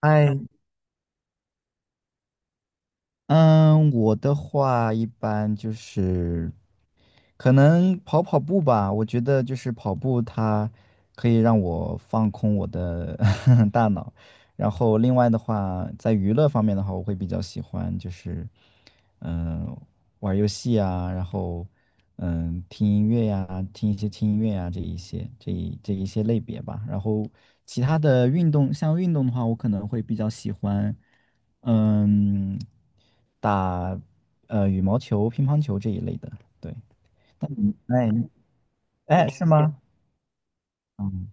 哎，嗯，我的话一般就是可能跑跑步吧。我觉得就是跑步，它可以让我放空我的 大脑。然后另外的话，在娱乐方面的话，我会比较喜欢就是嗯、玩儿游戏啊，然后听音乐呀、听一些轻音乐呀、这一些类别吧。然后其他的运动，像运动的话，我可能会比较喜欢。嗯，打羽毛球、乒乓球这一类的。对，哎哎，是吗？嗯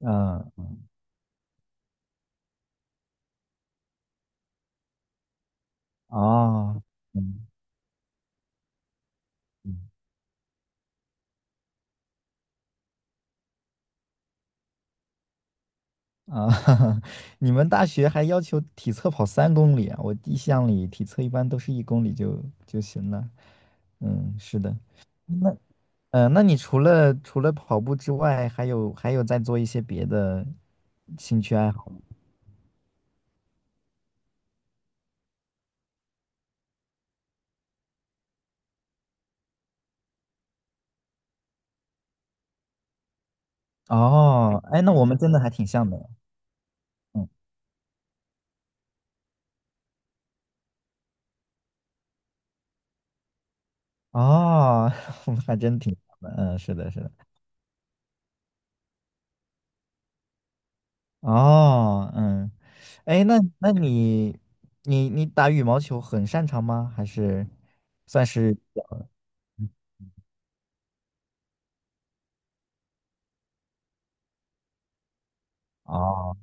嗯。哦。嗯嗯。啊，你们大学还要求体测跑3公里啊？我印象里体测一般都是1公里就行了。嗯，是的。那那你除了跑步之外，还有在做一些别的兴趣爱好吗？哦，哎，那我们真的还挺像的。嗯。哦，还真挺好的，嗯，是的，是的。哦，嗯，哎，那你打羽毛球很擅长吗？还是算是比较嗯哦，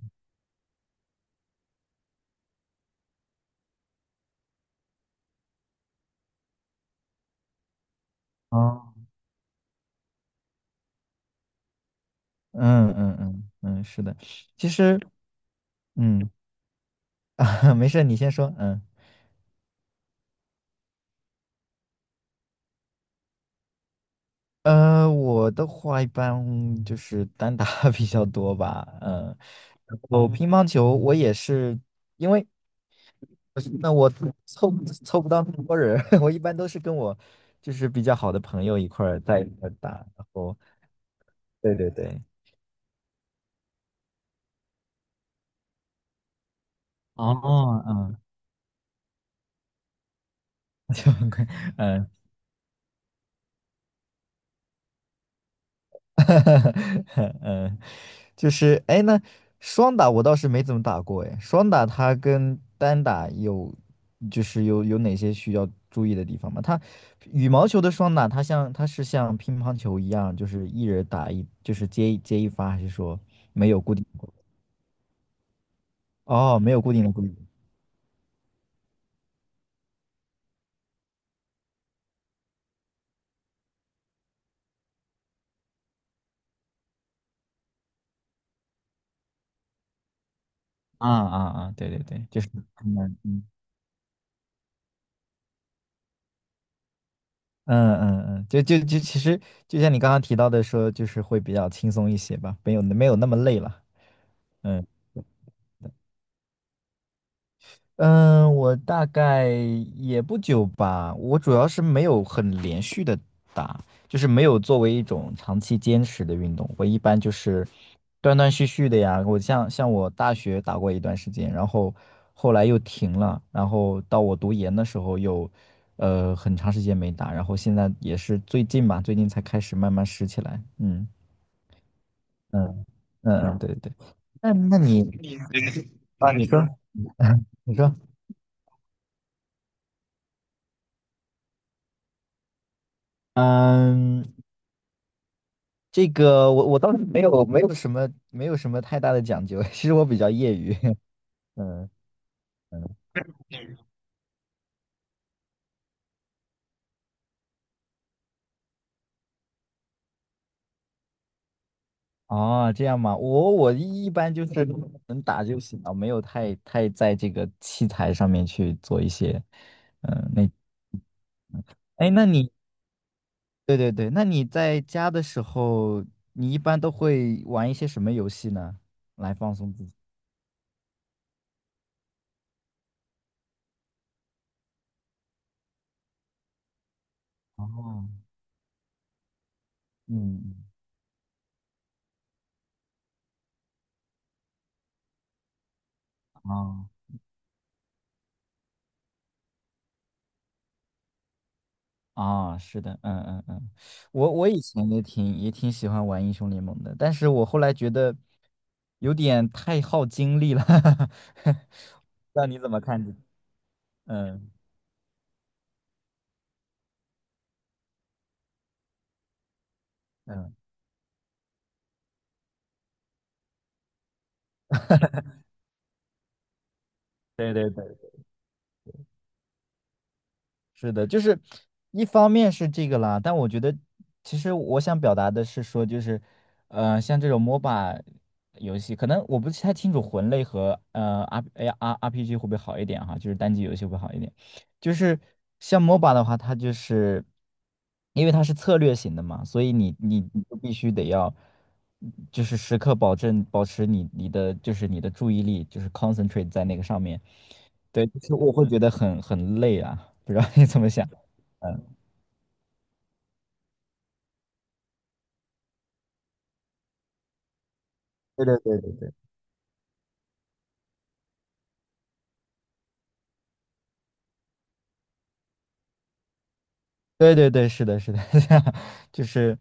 哦，嗯嗯嗯嗯，是的。其实嗯，没事，你先说。我的话一般就是单打 比较多吧，嗯。然后乒乓球我也是，因为那我凑不凑不到那么多人，我一般都是跟我就是比较好的朋友一块儿在一块儿打。然后对对对。哦，嗯，就很快。嗯。 嗯，就是双打我倒是没怎么打过，双打它跟单打就是有哪些需要注意的地方吗？它羽毛球的双打，它像它是像乒乓球一样，就是一人打一，就是接一发，还是说没有固定？哦，没有固定的规则。啊啊啊！对对对，就是嗯嗯嗯嗯嗯，就就就其实就像你刚刚提到的说，就是会比较轻松一些吧，没有那么累了。嗯。嗯，我大概也不久吧。我主要是没有很连续的打，就是没有作为一种长期坚持的运动。我一般就是断断续续的呀。我像我大学打过一段时间，然后后来又停了，然后到我读研的时候又很长时间没打，然后现在也是最近吧，最近才开始慢慢拾起来。嗯嗯嗯嗯，对对对。那你啊，你说你说。嗯。这个我倒是没有什么太大的讲究。其实我比较业余。嗯嗯，哦，这样吗？我一般就是能打就行了，没有太在这个器材上面去做一些。嗯，那哎，那你对对对，那你在家的时候，你一般都会玩一些什么游戏呢？来放松自己。哦，嗯，嗯。哦。啊、是的。嗯嗯嗯。我以前也挺喜欢玩英雄联盟的，但是我后来觉得有点太耗精力了，不知道你怎么看这？嗯嗯，对对对。是的，就是一方面是这个啦，但我觉得其实我想表达的是说，就是像这种 MOBA 游戏，可能我不太清楚魂类和呃 R A R RPG 会不会好一点哈，就是单机游戏会不会好一点。就是像 MOBA 的话，它就是因为它是策略型的嘛，所以你就必须得要就是时刻保持你的就是你的注意力，就是 concentrate 在那个上面。对，就是我会觉得很累啊，不知道你怎么想。嗯，对对对对对对对对，是的，是的。就是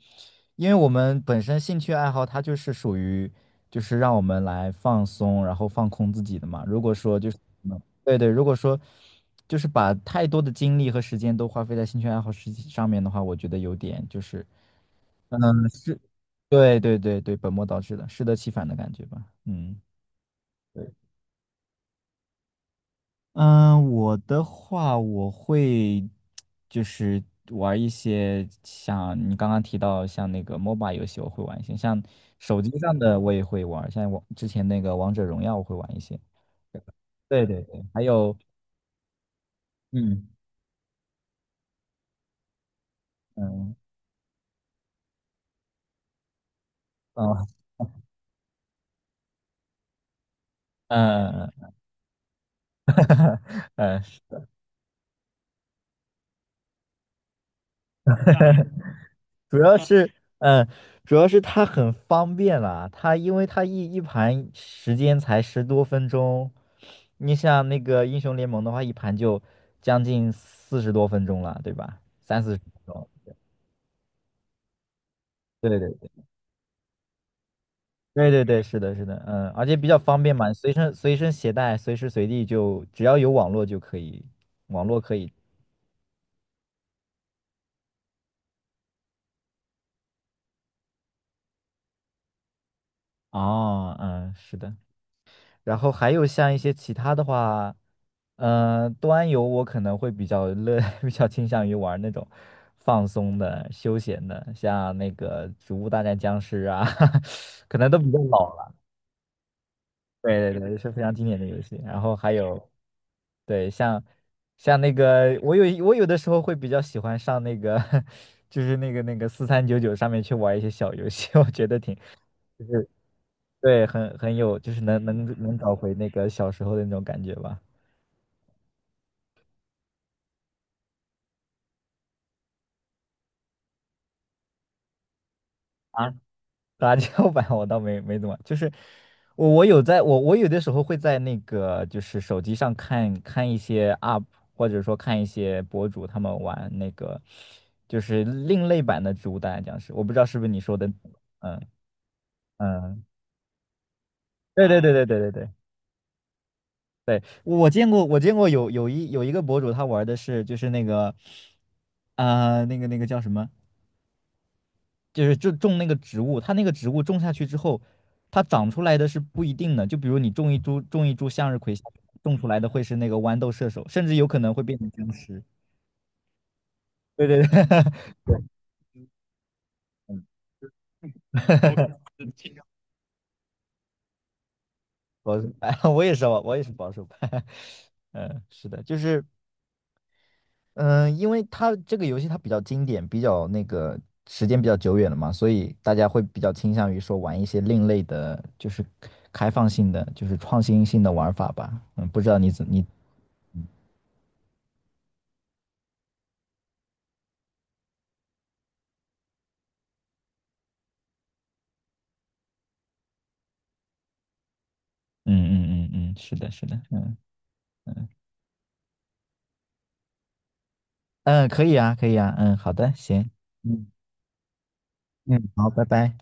因为我们本身兴趣爱好，它就是属于就是让我们来放松，然后放空自己的嘛。如果说就是，嗯对对，如果说就是把太多的精力和时间都花费在兴趣爱好事情上面的话，我觉得有点就是，嗯，是，对对对对，本末倒置了，适得其反的感觉吧。嗯。对。嗯，我的话，我会就是玩一些像你刚刚提到像那个 MOBA 游戏，我会玩一些，像手机上的我也会玩，像我之前那个王者荣耀我会玩一些。对对对，还有嗯嗯嗯嗯。呃，主要是，嗯，主要是它很方便啦。它因为它一盘时间才十多分钟，你像那个英雄联盟的话，一盘就将近40多分钟了，对吧？三四十分钟。对对对对对对，是的，是的，嗯，而且比较方便嘛，随身携带，随时随地就只要有网络就可以，网络可以。哦，嗯，是的。然后还有像一些其他的话，端游我可能会比较乐，比较倾向于玩那种放松的、休闲的，像那个《植物大战僵尸》啊，可能都比较老了。对对对，是非常经典的游戏。然后还有，对，像那个，我有的时候会比较喜欢上那个，就是那个4399上面去玩一些小游戏。我觉得挺就是对，很有，就是能找回那个小时候的那种感觉吧。啊，杂交 版我倒没怎么，就是我有的时候会在那个就是手机上看看一些 UP，或者说看一些博主他们玩那个就是另类版的植物大战僵尸，我不知道是不是你说的。嗯嗯，对对对对对对对对，我见过有一个博主他玩的是就是那个那个叫什么？就是种那个植物，它那个植物种下去之后，它长出来的是不一定的。就比如你种一株向日葵，种出来的会是那个豌豆射手，甚至有可能会变成僵尸。对对对。对。嗯。 保守派，我也是，我也是保守派。嗯，是的，就是嗯，因为它这个游戏它比较经典，比较那个时间比较久远了嘛，所以大家会比较倾向于说玩一些另类的，就是开放性的，就是创新性的玩法吧。嗯，不知道你，嗯嗯嗯嗯，是的，是的，嗯嗯，可以啊，可以啊，嗯，好的，行，嗯嗯，好，拜拜。